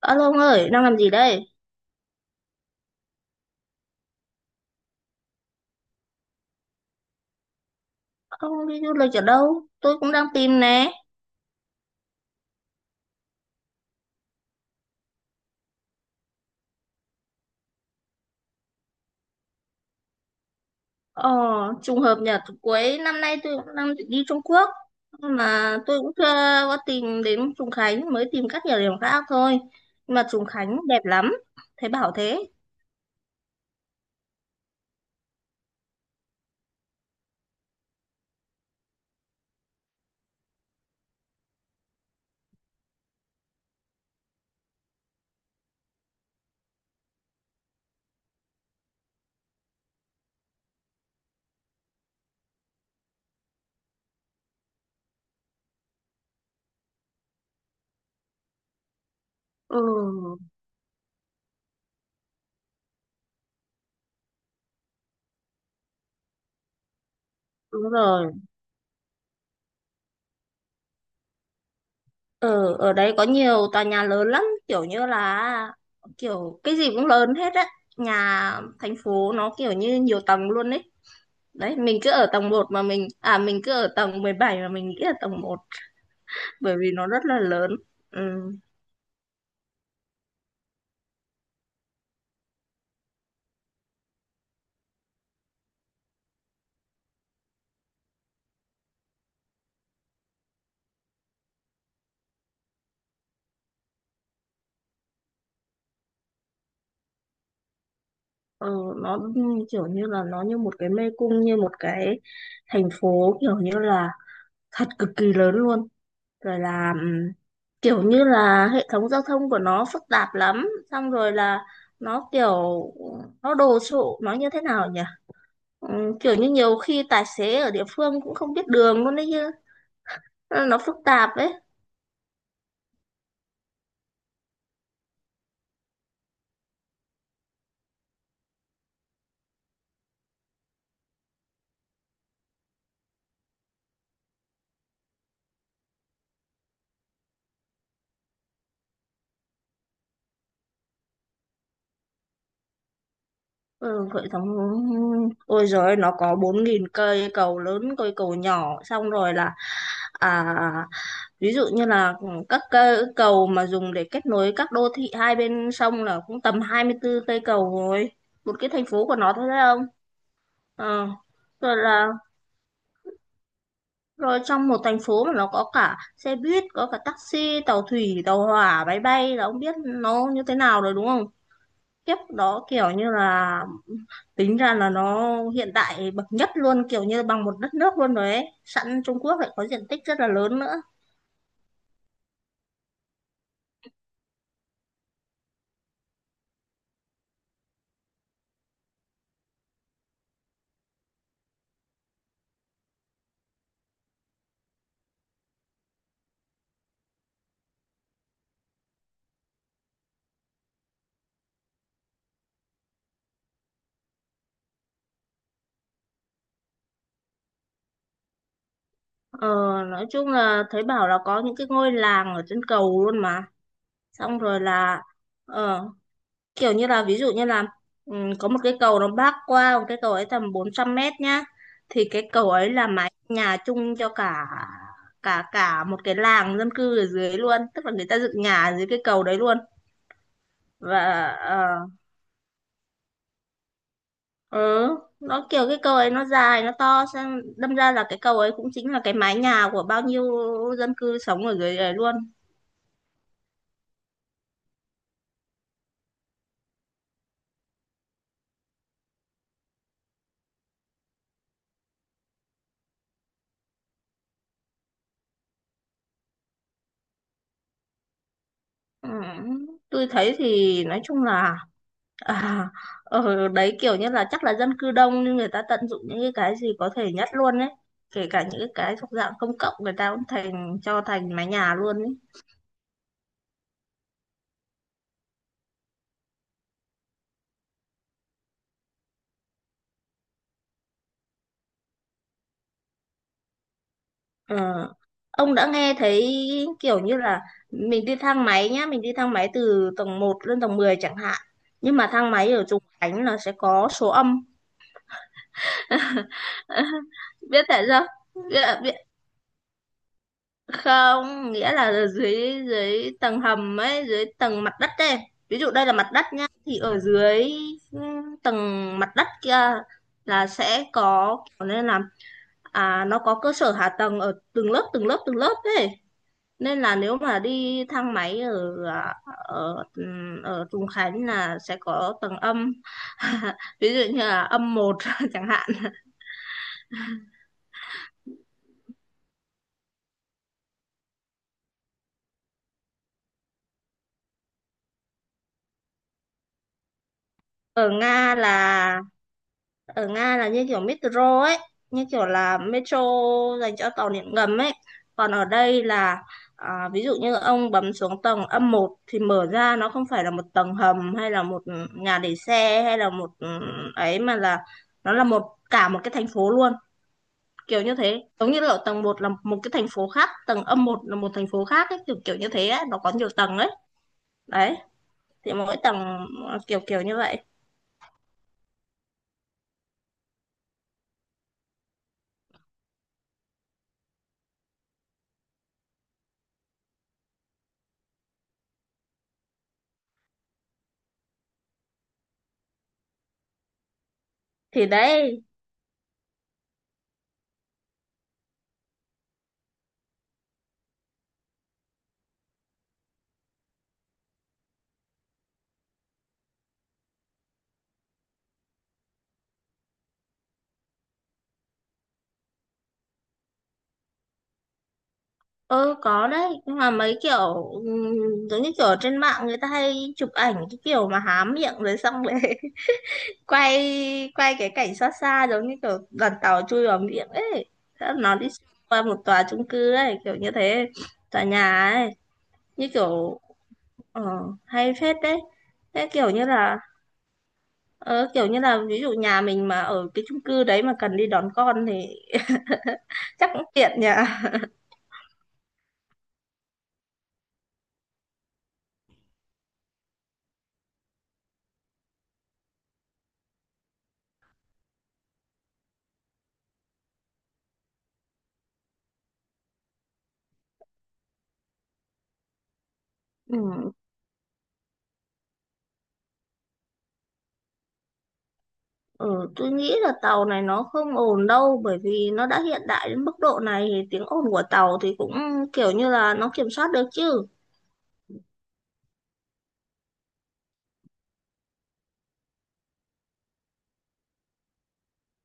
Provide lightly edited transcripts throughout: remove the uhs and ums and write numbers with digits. Alo ông ơi, đang làm gì đây? Ông đi du lịch ở đâu? Tôi cũng đang tìm nè. Ờ, trùng hợp nhờ cuối năm nay tôi cũng đang định đi Trung Quốc. Nhưng mà tôi cũng chưa có tìm đến Trùng Khánh, mới tìm các địa điểm khác thôi. Nhưng mà Trùng Khánh đẹp lắm, thấy bảo thế. Ừ, đúng rồi. Ở ở đấy có nhiều tòa nhà lớn lắm, kiểu như là kiểu cái gì cũng lớn hết á. Nhà thành phố nó kiểu như nhiều tầng luôn ấy. Đấy, mình cứ ở tầng một mà mình cứ ở tầng 17 mà mình nghĩ là tầng một, bởi vì nó rất là lớn, ừ. Ừ, nó kiểu như là nó như một cái mê cung, như một cái thành phố, kiểu như là thật cực kỳ lớn luôn. Rồi là kiểu như là hệ thống giao thông của nó phức tạp lắm, xong rồi là nó kiểu nó đồ sộ, nó như thế nào nhỉ. Kiểu như nhiều khi tài xế ở địa phương cũng không biết đường luôn đấy chứ, nó phức tạp ấy. Ừ, cội sống, ôi, rồi nó có 4.000 cây cầu lớn cây cầu nhỏ, xong rồi là à, ví dụ như là các cây cầu mà dùng để kết nối các đô thị hai bên sông là cũng tầm 24 cây cầu rồi, một cái thành phố của nó thôi đấy không. Ờ. rồi là rồi trong một thành phố mà nó có cả xe buýt, có cả taxi, tàu thủy, tàu hỏa, máy bay, là ông biết nó như thế nào rồi đúng không. Kiếp đó kiểu như là tính ra là nó hiện đại bậc nhất luôn, kiểu như bằng một đất nước luôn rồi ấy, sẵn Trung Quốc lại có diện tích rất là lớn nữa. ờ, nói chung là thấy bảo là có những cái ngôi làng ở trên cầu luôn mà. Xong rồi là ờ, kiểu như là, ví dụ như là, ừ, có một cái cầu nó bắc qua một cái cầu ấy tầm 400 mét nhá, thì cái cầu ấy là mái nhà chung cho cả cả cả một cái làng dân cư ở dưới luôn, tức là người ta dựng nhà ở dưới cái cầu đấy luôn. Và ờ, ừ nó kiểu cái cầu ấy nó dài nó to, xem đâm ra là cái cầu ấy cũng chính là cái mái nhà của bao nhiêu dân cư sống ở dưới đấy luôn. Ừ. Tôi thấy thì nói chung là, à, ở đấy kiểu như là chắc là dân cư đông, nhưng người ta tận dụng những cái gì có thể nhất luôn ấy, kể cả những cái thuộc dạng công cộng người ta cũng thành cho thành mái nhà luôn ấy. Ờ, ông đã nghe thấy kiểu như là mình đi thang máy nhá, mình đi thang máy từ tầng một lên tầng 10 chẳng hạn. Nhưng mà thang máy ở Trùng Khánh là sẽ có số âm. Biết tại sao? Biết, biết, không, nghĩa là ở dưới dưới tầng hầm ấy, dưới tầng mặt đất ấy. Ví dụ đây là mặt đất nhá, thì ở dưới, ừ, tầng mặt đất kia là sẽ có kiểu, nên là nó có cơ sở hạ tầng ở từng lớp từng lớp từng lớp ấy. Nên là nếu mà đi thang máy ở, ở ở Trùng Khánh là sẽ có tầng âm, ví dụ như là âm một chẳng hạn. Ở Nga là ở Nga là như kiểu metro ấy, như kiểu là metro dành cho tàu điện ngầm ấy. Còn ở đây là, ví dụ như ông bấm xuống tầng âm một thì mở ra nó không phải là một tầng hầm hay là một nhà để xe hay là một, ấy, mà là nó là cả một cái thành phố luôn, kiểu như thế, giống như là tầng một là một cái thành phố khác, tầng âm một là một thành phố khác ấy, kiểu kiểu như thế ấy. Nó có nhiều tầng ấy. Đấy, thì mỗi tầng kiểu kiểu như vậy. Thì đấy, ừ, có đấy, nhưng mà mấy kiểu giống như kiểu ở trên mạng người ta hay chụp ảnh cái kiểu mà há miệng rồi xong rồi quay quay cái cảnh xa xa giống như kiểu đoàn tàu chui vào miệng ấy. Thế là nó đi qua một tòa chung cư ấy kiểu như thế, tòa nhà ấy. Như kiểu, ờ, hay phết đấy. Thế kiểu như là, ờ, kiểu như là ví dụ nhà mình mà ở cái chung cư đấy mà cần đi đón con thì chắc cũng tiện nhỉ. Ừ, ừ, tôi nghĩ là tàu này nó không ồn đâu, bởi vì nó đã hiện đại đến mức độ này thì tiếng ồn của tàu thì cũng kiểu như là nó kiểm soát được chứ.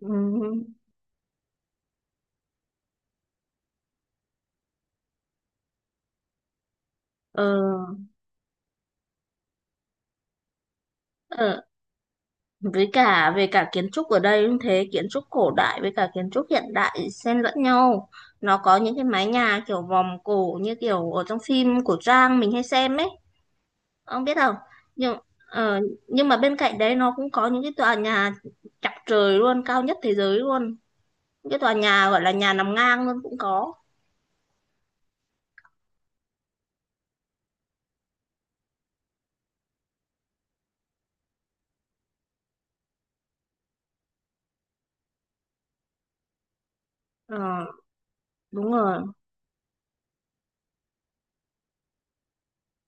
Ừ. Ờ, ờ, với cả về cả kiến trúc ở đây cũng thế, kiến trúc cổ đại với cả kiến trúc hiện đại xen lẫn nhau. Nó có những cái mái nhà kiểu vòm cổ như kiểu ở trong phim của Trang mình hay xem ấy, ông biết không. Nhưng ờ, nhưng mà bên cạnh đấy nó cũng có những cái tòa nhà chọc trời luôn, cao nhất thế giới luôn. Những cái tòa nhà gọi là nhà nằm ngang luôn cũng có. Ờ, đúng rồi,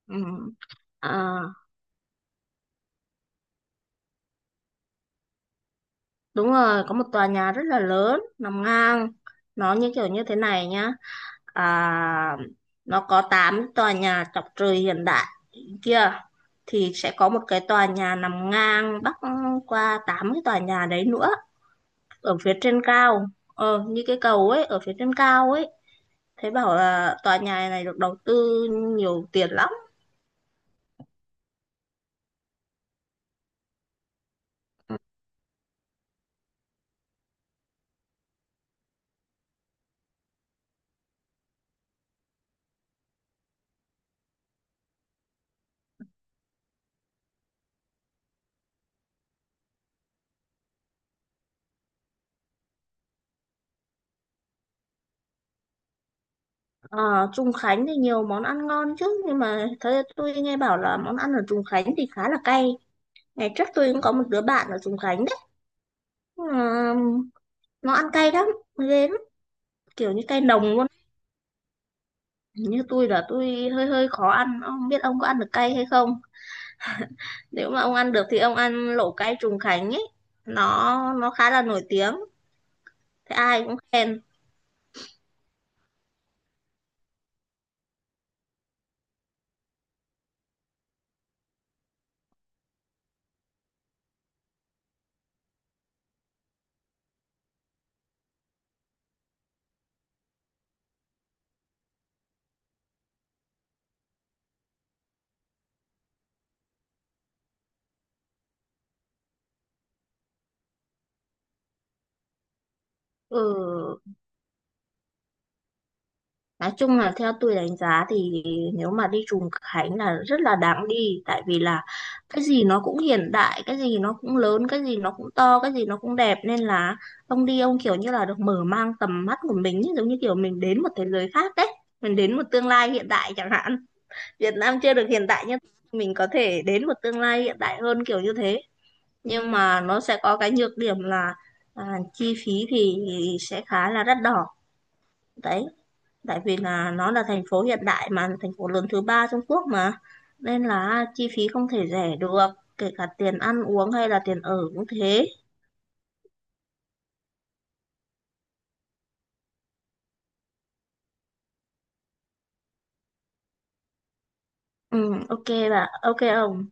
ừ. À, đúng rồi, có một tòa nhà rất là lớn nằm ngang, nó như kiểu như thế này nhá. À, nó có 8 tòa nhà chọc trời hiện đại kia, thì sẽ có một cái tòa nhà nằm ngang bắc qua 8 cái tòa nhà đấy nữa, ở phía trên cao. Ờ, như cái cầu ấy, ở phía trên cao ấy. Thấy bảo là tòa nhà này được đầu tư nhiều tiền lắm. Ờ, Trùng Khánh thì nhiều món ăn ngon chứ, nhưng mà thấy, tôi nghe bảo là món ăn ở Trùng Khánh thì khá là cay. Ngày trước tôi cũng có một đứa bạn ở Trùng Khánh đấy. Ờ, nó ăn cay lắm, ghê lắm, kiểu như cay nồng luôn. Như tôi là tôi hơi hơi khó ăn, không biết ông có ăn được cay hay không. Nếu mà ông ăn được thì ông ăn lẩu cay Trùng Khánh ấy, nó nó khá là nổi tiếng, thế ai cũng khen. Ừ, nói chung là theo tôi đánh giá thì nếu mà đi Trùng Khánh là rất là đáng đi, tại vì là cái gì nó cũng hiện đại, cái gì nó cũng lớn, cái gì nó cũng to, cái gì nó cũng đẹp, nên là ông đi ông kiểu như là được mở mang tầm mắt của mình ý, giống như kiểu mình đến một thế giới khác đấy, mình đến một tương lai hiện đại chẳng hạn. Việt Nam chưa được hiện đại, nhưng mình có thể đến một tương lai hiện đại hơn, kiểu như thế. Nhưng mà nó sẽ có cái nhược điểm là, à, chi phí thì sẽ khá là đắt đỏ. Đấy, tại vì là nó là thành phố hiện đại mà, thành phố lớn thứ ba Trung Quốc mà, nên là chi phí không thể rẻ được, kể cả tiền ăn uống hay là tiền ở cũng thế. Ừ, ok bà, ok ông.